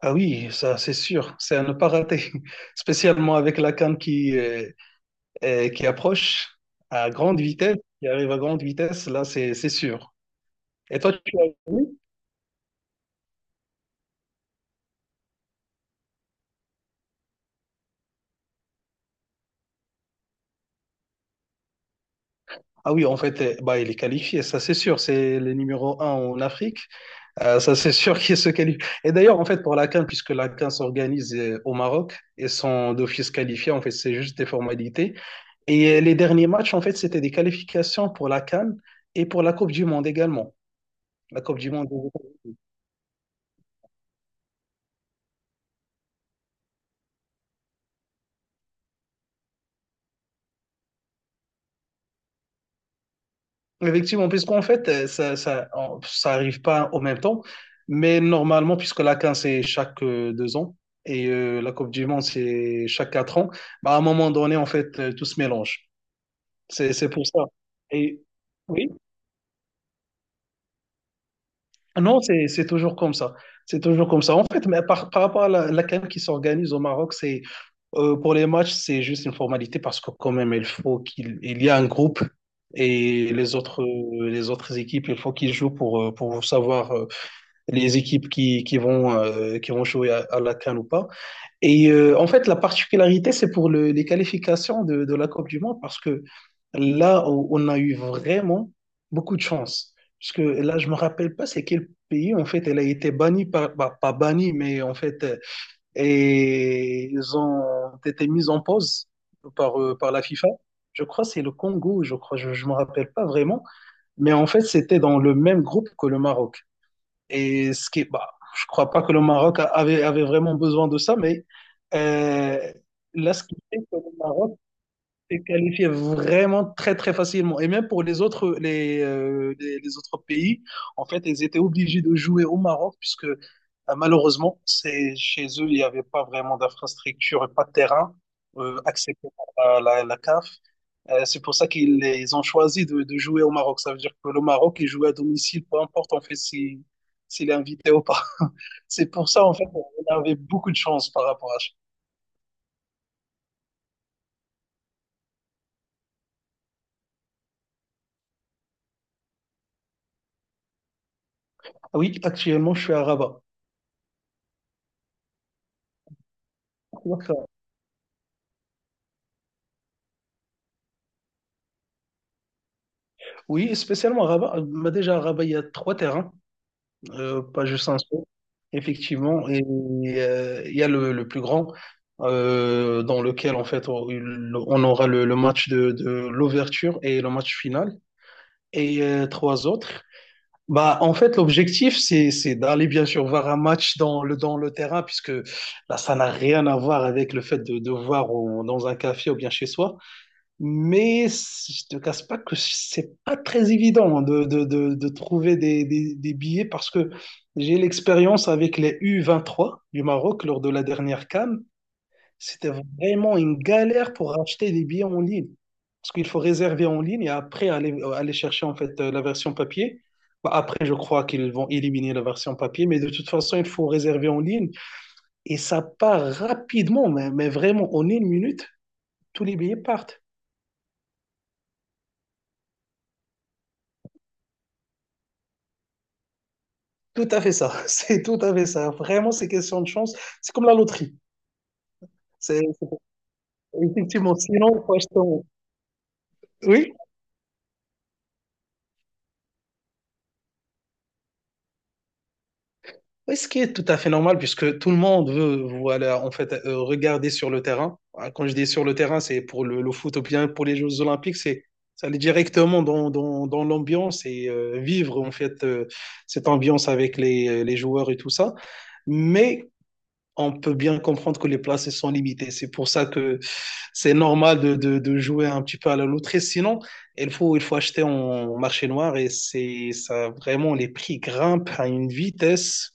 Ah oui, ça c'est sûr, c'est à ne pas rater, spécialement avec la canne qui approche à grande vitesse, qui arrive à grande vitesse, là c'est sûr. Et toi, tu as vu? Ah oui, en fait, bah, il est qualifié, ça c'est sûr, c'est le numéro un en Afrique. Ça c'est sûr qu'il se qualifie. Et d'ailleurs, en fait, pour la CAN, puisque la CAN s'organise au Maroc et sont d'office qualifiés, en fait, c'est juste des formalités. Les derniers matchs, en fait, c'était des qualifications pour la CAN et pour la Coupe du Monde également. La Coupe du Monde. Effectivement, puisqu'en fait, ça arrive pas au même temps, mais normalement, puisque la CAN, c'est chaque 2 ans et la Coupe du Monde, c'est chaque 4 ans, bah, à un moment donné, en fait, tout se mélange. C'est pour ça. Et oui, non, c'est toujours comme ça. C'est toujours comme ça. En fait, mais par rapport à la CAN qui s'organise au Maroc, c'est pour les matchs, c'est juste une formalité parce que quand même, il faut qu'il y a un groupe et les autres équipes, il faut qu'ils jouent pour savoir les équipes qui vont, jouer à la CAN ou pas. En fait, la particularité, c'est pour les qualifications de la Coupe du Monde parce que là, on a eu vraiment beaucoup de chance. Parce que là, je me rappelle pas c'est quel pays, en fait, elle a été bannie, bah, pas bannie, mais en fait, et ils ont été mis en pause par la FIFA. Je crois que c'est le Congo, je crois, je ne me rappelle pas vraiment. Mais en fait, c'était dans le même groupe que le Maroc. Et bah, je crois pas que le Maroc avait vraiment besoin de ça, mais euh, là, ce qui fait que le Maroc s'est qualifié vraiment très, très facilement. Et même pour les autres, les autres pays, en fait, ils étaient obligés de jouer au Maroc, puisque malheureusement, chez eux, il n'y avait pas vraiment d'infrastructure et pas de terrain accepté par la CAF. C'est pour ça qu'ils ont choisi de jouer au Maroc. Ça veut dire que le Maroc, il joue à domicile, peu importe en fait si, s'il est invité ou pas. C'est pour ça en fait on avait beaucoup de chance par rapport à ça. Oui, actuellement je suis à Rabat. D'accord. Oui, spécialement à Rabat. Bah, déjà à Rabat, il y a trois terrains, pas juste un seul. Effectivement, et il y a le plus grand dans lequel en fait on aura le match de l'ouverture et le match final et trois autres. Bah, en fait, l'objectif, c'est d'aller bien sûr voir un match dans le terrain, puisque là, ça n'a rien à voir avec le fait de voir dans un café ou bien chez soi. Mais je te casse pas que c'est pas très évident de trouver des billets parce que j'ai l'expérience avec les U23 du Maroc lors de la dernière CAN. C'était vraiment une galère pour acheter des billets en ligne. Parce qu'il faut réserver en ligne et après aller chercher en fait la version papier. Bah, après, je crois qu'ils vont éliminer la version papier, mais de toute façon, il faut réserver en ligne. Et ça part rapidement, mais vraiment, en une minute, tous les billets partent. Tout à fait ça. C'est tout à fait ça. Vraiment, c'est question de chance. C'est comme la loterie. C'est c'est- Effectivement, sinon, il faut acheter en... Oui? Oui, ce qui est tout à fait normal, puisque tout le monde veut, voilà, en fait, regarder sur le terrain. Ah, quand je dis sur le terrain, c'est pour le foot ou bien pour les Jeux Olympiques, c'est ça, aller directement dans l'ambiance et vivre, en fait, cette ambiance avec les joueurs et tout ça. Mais on peut bien comprendre que les places sont limitées. C'est pour ça que c'est normal de jouer un petit peu à la loterie. Sinon, il faut acheter en marché noir et c'est ça, vraiment, les prix grimpent à une vitesse.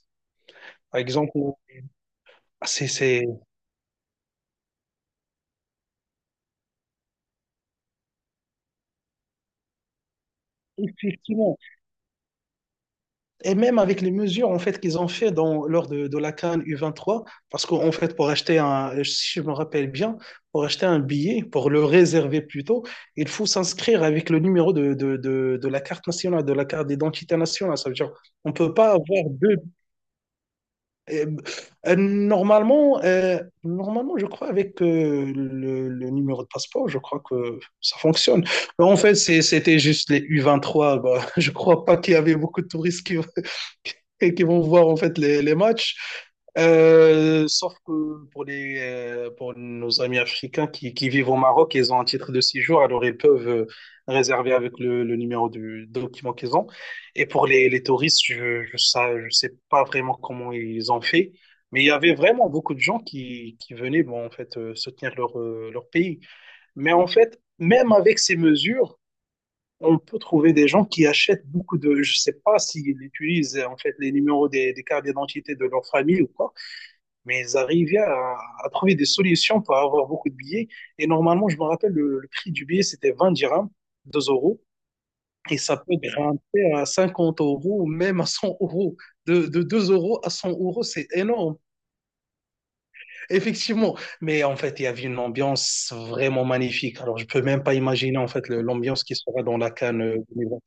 Par exemple, ah, effectivement. Et même avec les mesures en fait qu'ils ont fait lors de la CAN U23, parce qu'en fait, pour acheter un, si je me rappelle bien, pour acheter un billet, pour le réserver plutôt, il faut s'inscrire avec le numéro de la carte nationale, de la carte d'identité nationale. Ça veut dire on peut pas avoir deux. Euh, euh, normalement, euh, normalement, je crois avec le numéro de passeport, je crois que ça fonctionne. Mais en fait, c'était juste les U23. Bah, je crois pas qu'il y avait beaucoup de touristes qui, qui vont voir en fait les matchs. Sauf que pour nos amis africains qui vivent au Maroc, ils ont un titre de séjour, alors ils peuvent réserver avec le numéro du document qu'ils ont. Et pour les touristes, je sais pas vraiment comment ils ont fait, mais il y avait vraiment beaucoup de gens qui venaient bon, en fait, soutenir leur pays. Mais en fait, même avec ces mesures, on peut trouver des gens qui achètent beaucoup de... Je sais pas s'ils utilisent en fait les numéros des cartes d'identité de leur famille ou quoi, mais ils arrivaient à trouver des solutions pour avoir beaucoup de billets. Et normalement, je me rappelle, le prix du billet, c'était 20 dirhams, 2 euros. Et ça peut grimper à 50 euros, même à 100 euros. De 2 euros à 100 euros, c'est énorme, effectivement. Mais en fait, il y avait une ambiance vraiment magnifique. Alors, je peux même pas imaginer en fait l'ambiance qui sera dans la CAN 2020.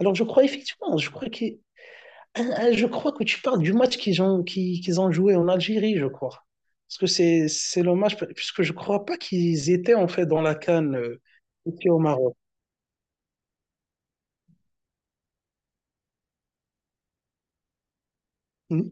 Alors, je crois effectivement, je crois que tu parles du match qu'ils ont joué en Algérie, je crois. Parce que c'est le match, puisque je crois pas qu'ils étaient en fait dans la CAN ici au Maroc. Hmm.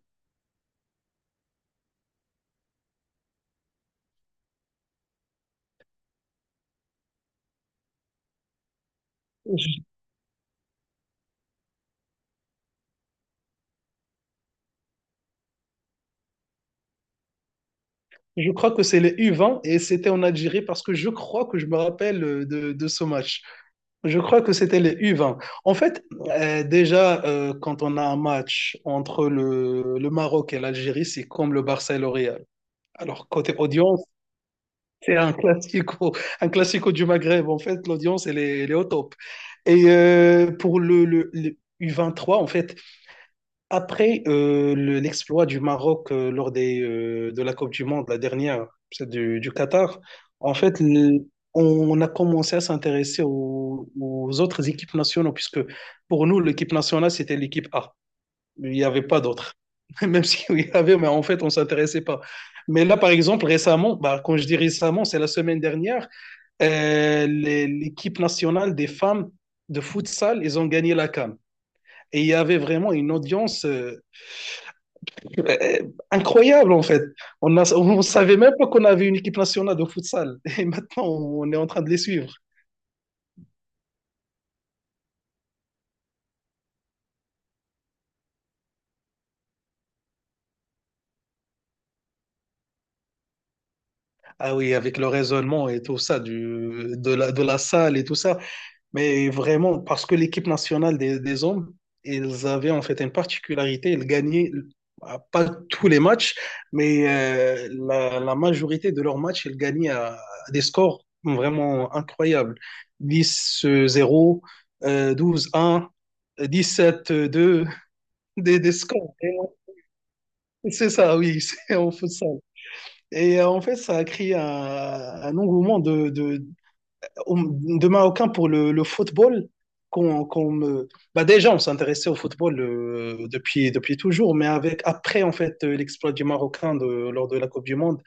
Je crois que c'est les U20 et c'était en Algérie parce que je crois que je me rappelle de ce match. Je crois que c'était les U20. En fait, déjà, quand on a un match entre le Maroc et l'Algérie, c'est comme le Barça et le Real. Alors, côté audience, c'est un classico du Maghreb. En fait, l'audience, elle est au top. Et pour le U23, en fait, après l'exploit du Maroc lors de la Coupe du Monde, la dernière, celle du Qatar, en fait, on a commencé à s'intéresser aux autres équipes nationales, puisque pour nous, l'équipe nationale, c'était l'équipe A. Il n'y avait pas d'autres. Même s'il y avait, mais en fait, on ne s'intéressait pas. Mais là, par exemple, récemment, bah, quand je dis récemment, c'est la semaine dernière, l'équipe nationale des femmes de futsal, ils ont gagné la CAN. Et il y avait vraiment une audience. Euh, Incroyable en fait. On savait même pas qu'on avait une équipe nationale de futsal. Et maintenant, on est en train de les suivre. Ah oui, avec le raisonnement et tout ça, de la salle et tout ça. Mais vraiment, parce que l'équipe nationale des hommes, ils avaient en fait une particularité, ils gagnaient ah, pas tous les matchs, mais la majorité de leurs matchs, ils gagnaient à des scores vraiment incroyables. 10-0, 12-1, 17-2, des scores vraiment. C'est ça, oui, on fait ça. Et en fait, ça a créé un engouement de Marocains pour le football. Qu'on me... bah déjà, on s'intéressait au football depuis toujours, mais après, en fait, l'exploit du Marocain lors de la Coupe du Monde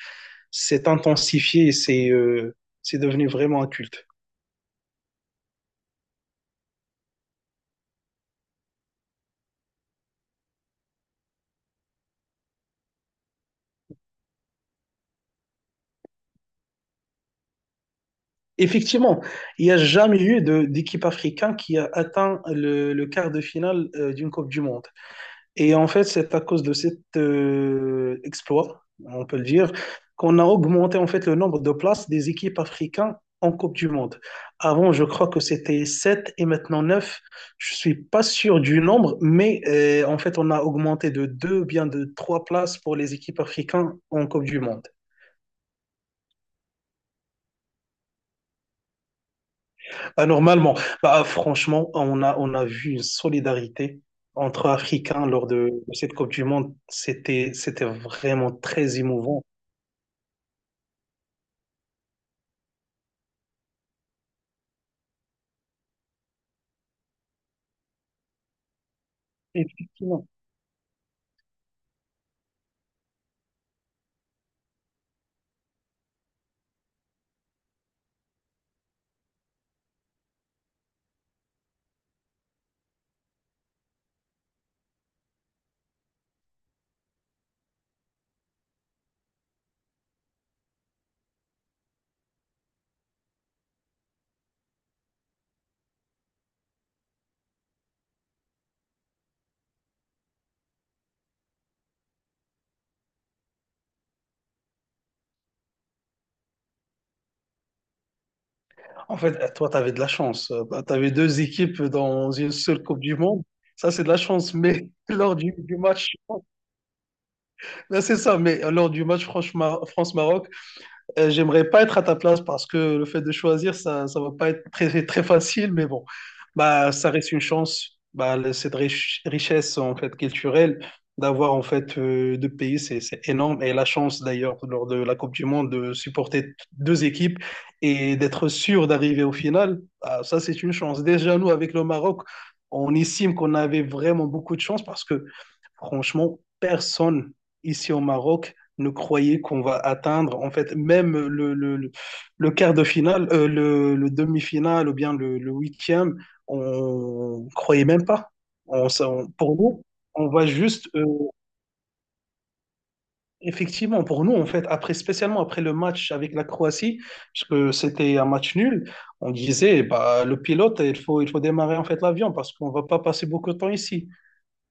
s'est intensifié, et c'est devenu vraiment un culte. Effectivement, il n'y a jamais eu d'équipe africaine qui a atteint le quart de finale d'une Coupe du Monde. Et en fait, c'est à cause de cet exploit, on peut le dire, qu'on a augmenté en fait le nombre de places des équipes africaines en Coupe du Monde. Avant, je crois que c'était 7 et maintenant 9. Je suis pas sûr du nombre, mais en fait, on a augmenté de 2, ou bien de 3 places pour les équipes africaines en Coupe du Monde. Bah, normalement, bah, franchement, on a vu une solidarité entre Africains de cette Coupe du Monde. C'était vraiment très émouvant. Effectivement. En fait, eh, toi, tu avais de la chance. Tu avais deux équipes dans une seule Coupe du Monde. Ça, c'est de la chance. Mais lors du match, ben c'est ça. Mais lors du match France-Maroc, j'aimerais pas être à ta place parce que le fait de choisir, ça va pas être très facile, mais bon, bah, ça reste une chance. Bah, cette richesse, en fait, culturelle, d'avoir, en fait, deux pays, c'est énorme. Et la chance, d'ailleurs, lors de la Coupe du Monde, de supporter deux équipes et d'être sûr d'arriver au final, bah, ça, c'est une chance. Déjà, nous, avec le Maroc, on estime qu'on avait vraiment beaucoup de chance parce que franchement, personne ici au Maroc ne croyait qu'on va atteindre, en fait, même le quart de finale, le demi-finale ou bien le huitième, on croyait même pas. Pour nous, on va juste, effectivement, pour nous, en fait, après, spécialement après le match avec la Croatie, parce que c'était un match nul, on disait, bah, le pilote, il faut démarrer en fait l'avion parce qu'on va pas passer beaucoup de temps ici.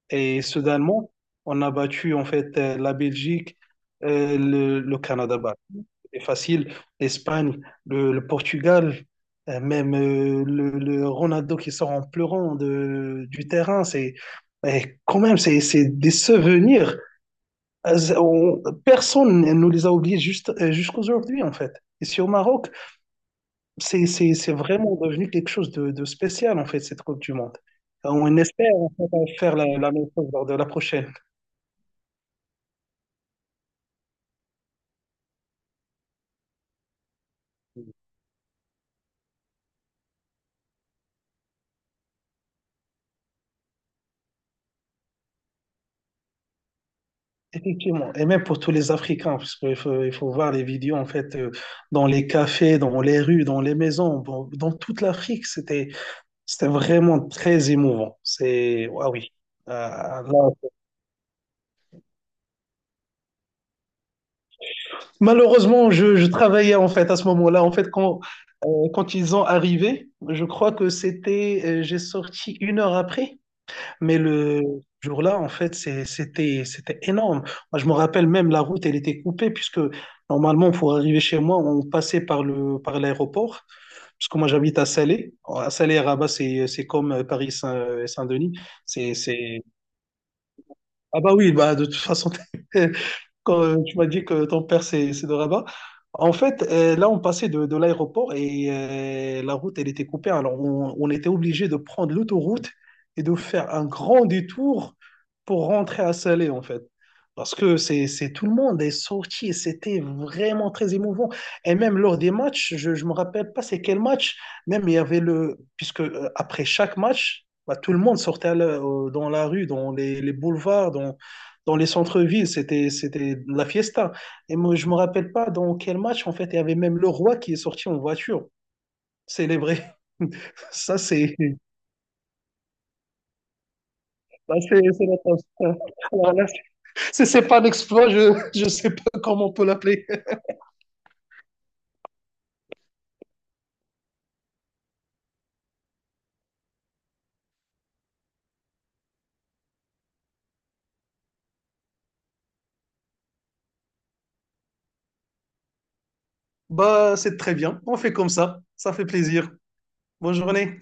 Et soudainement, on a battu en fait la Belgique, le Canada, bah, c'est facile, l'Espagne, le Portugal, le Ronaldo qui sort en pleurant du terrain. C'est eh, quand même c'est des souvenirs. Personne ne nous les a oubliés juste jusqu'aujourd'hui en fait. Ici au Maroc, c'est vraiment devenu quelque chose de spécial en fait cette Coupe du Monde. On espère en fait, faire la même chose lors de la prochaine. Effectivement, et même pour tous les Africains, parce il faut voir les vidéos en fait dans les cafés, dans les rues, dans les maisons, dans toute l'Afrique, c'était c'était vraiment très émouvant. C'est ah oui. Euh, là- Malheureusement, je travaillais en fait à ce moment-là. En fait, quand quand ils ont arrivé, je crois que c'était j'ai sorti 1 heure après. Mais le jour-là, en fait, c'était énorme. Moi, je me rappelle même la route, elle était coupée, puisque normalement, pour arriver chez moi, on passait par par l'aéroport. Parce que moi, j'habite à Salé. À Salé, et Rabat, c'est comme Paris-Saint-Denis. C'est... Ah bah oui, bah, de toute façon, quand tu m'as dit que ton père, c'est de Rabat. En fait, là, on passait de l'aéroport et la route, elle était coupée. Alors, on était obligé de prendre l'autoroute et de faire un grand détour pour rentrer à Salé, en fait. Parce que c'est tout le monde est sorti et c'était vraiment très émouvant. Et même lors des matchs, je ne me rappelle pas c'est quel match, même il y avait le... Puisque après chaque match, bah, tout le monde sortait dans la rue, dans les boulevards, dans dans les centres-villes, c'était la fiesta. Et moi, je me rappelle pas dans quel match, en fait, il y avait même le roi qui est sorti en voiture, célébré. Ça, c'est ça, c'est la classe. Alors là, c'est pas un exploit, je sais pas comment on peut l'appeler. Bah, c'est très bien. On fait comme ça. Ça fait plaisir. Bonne journée.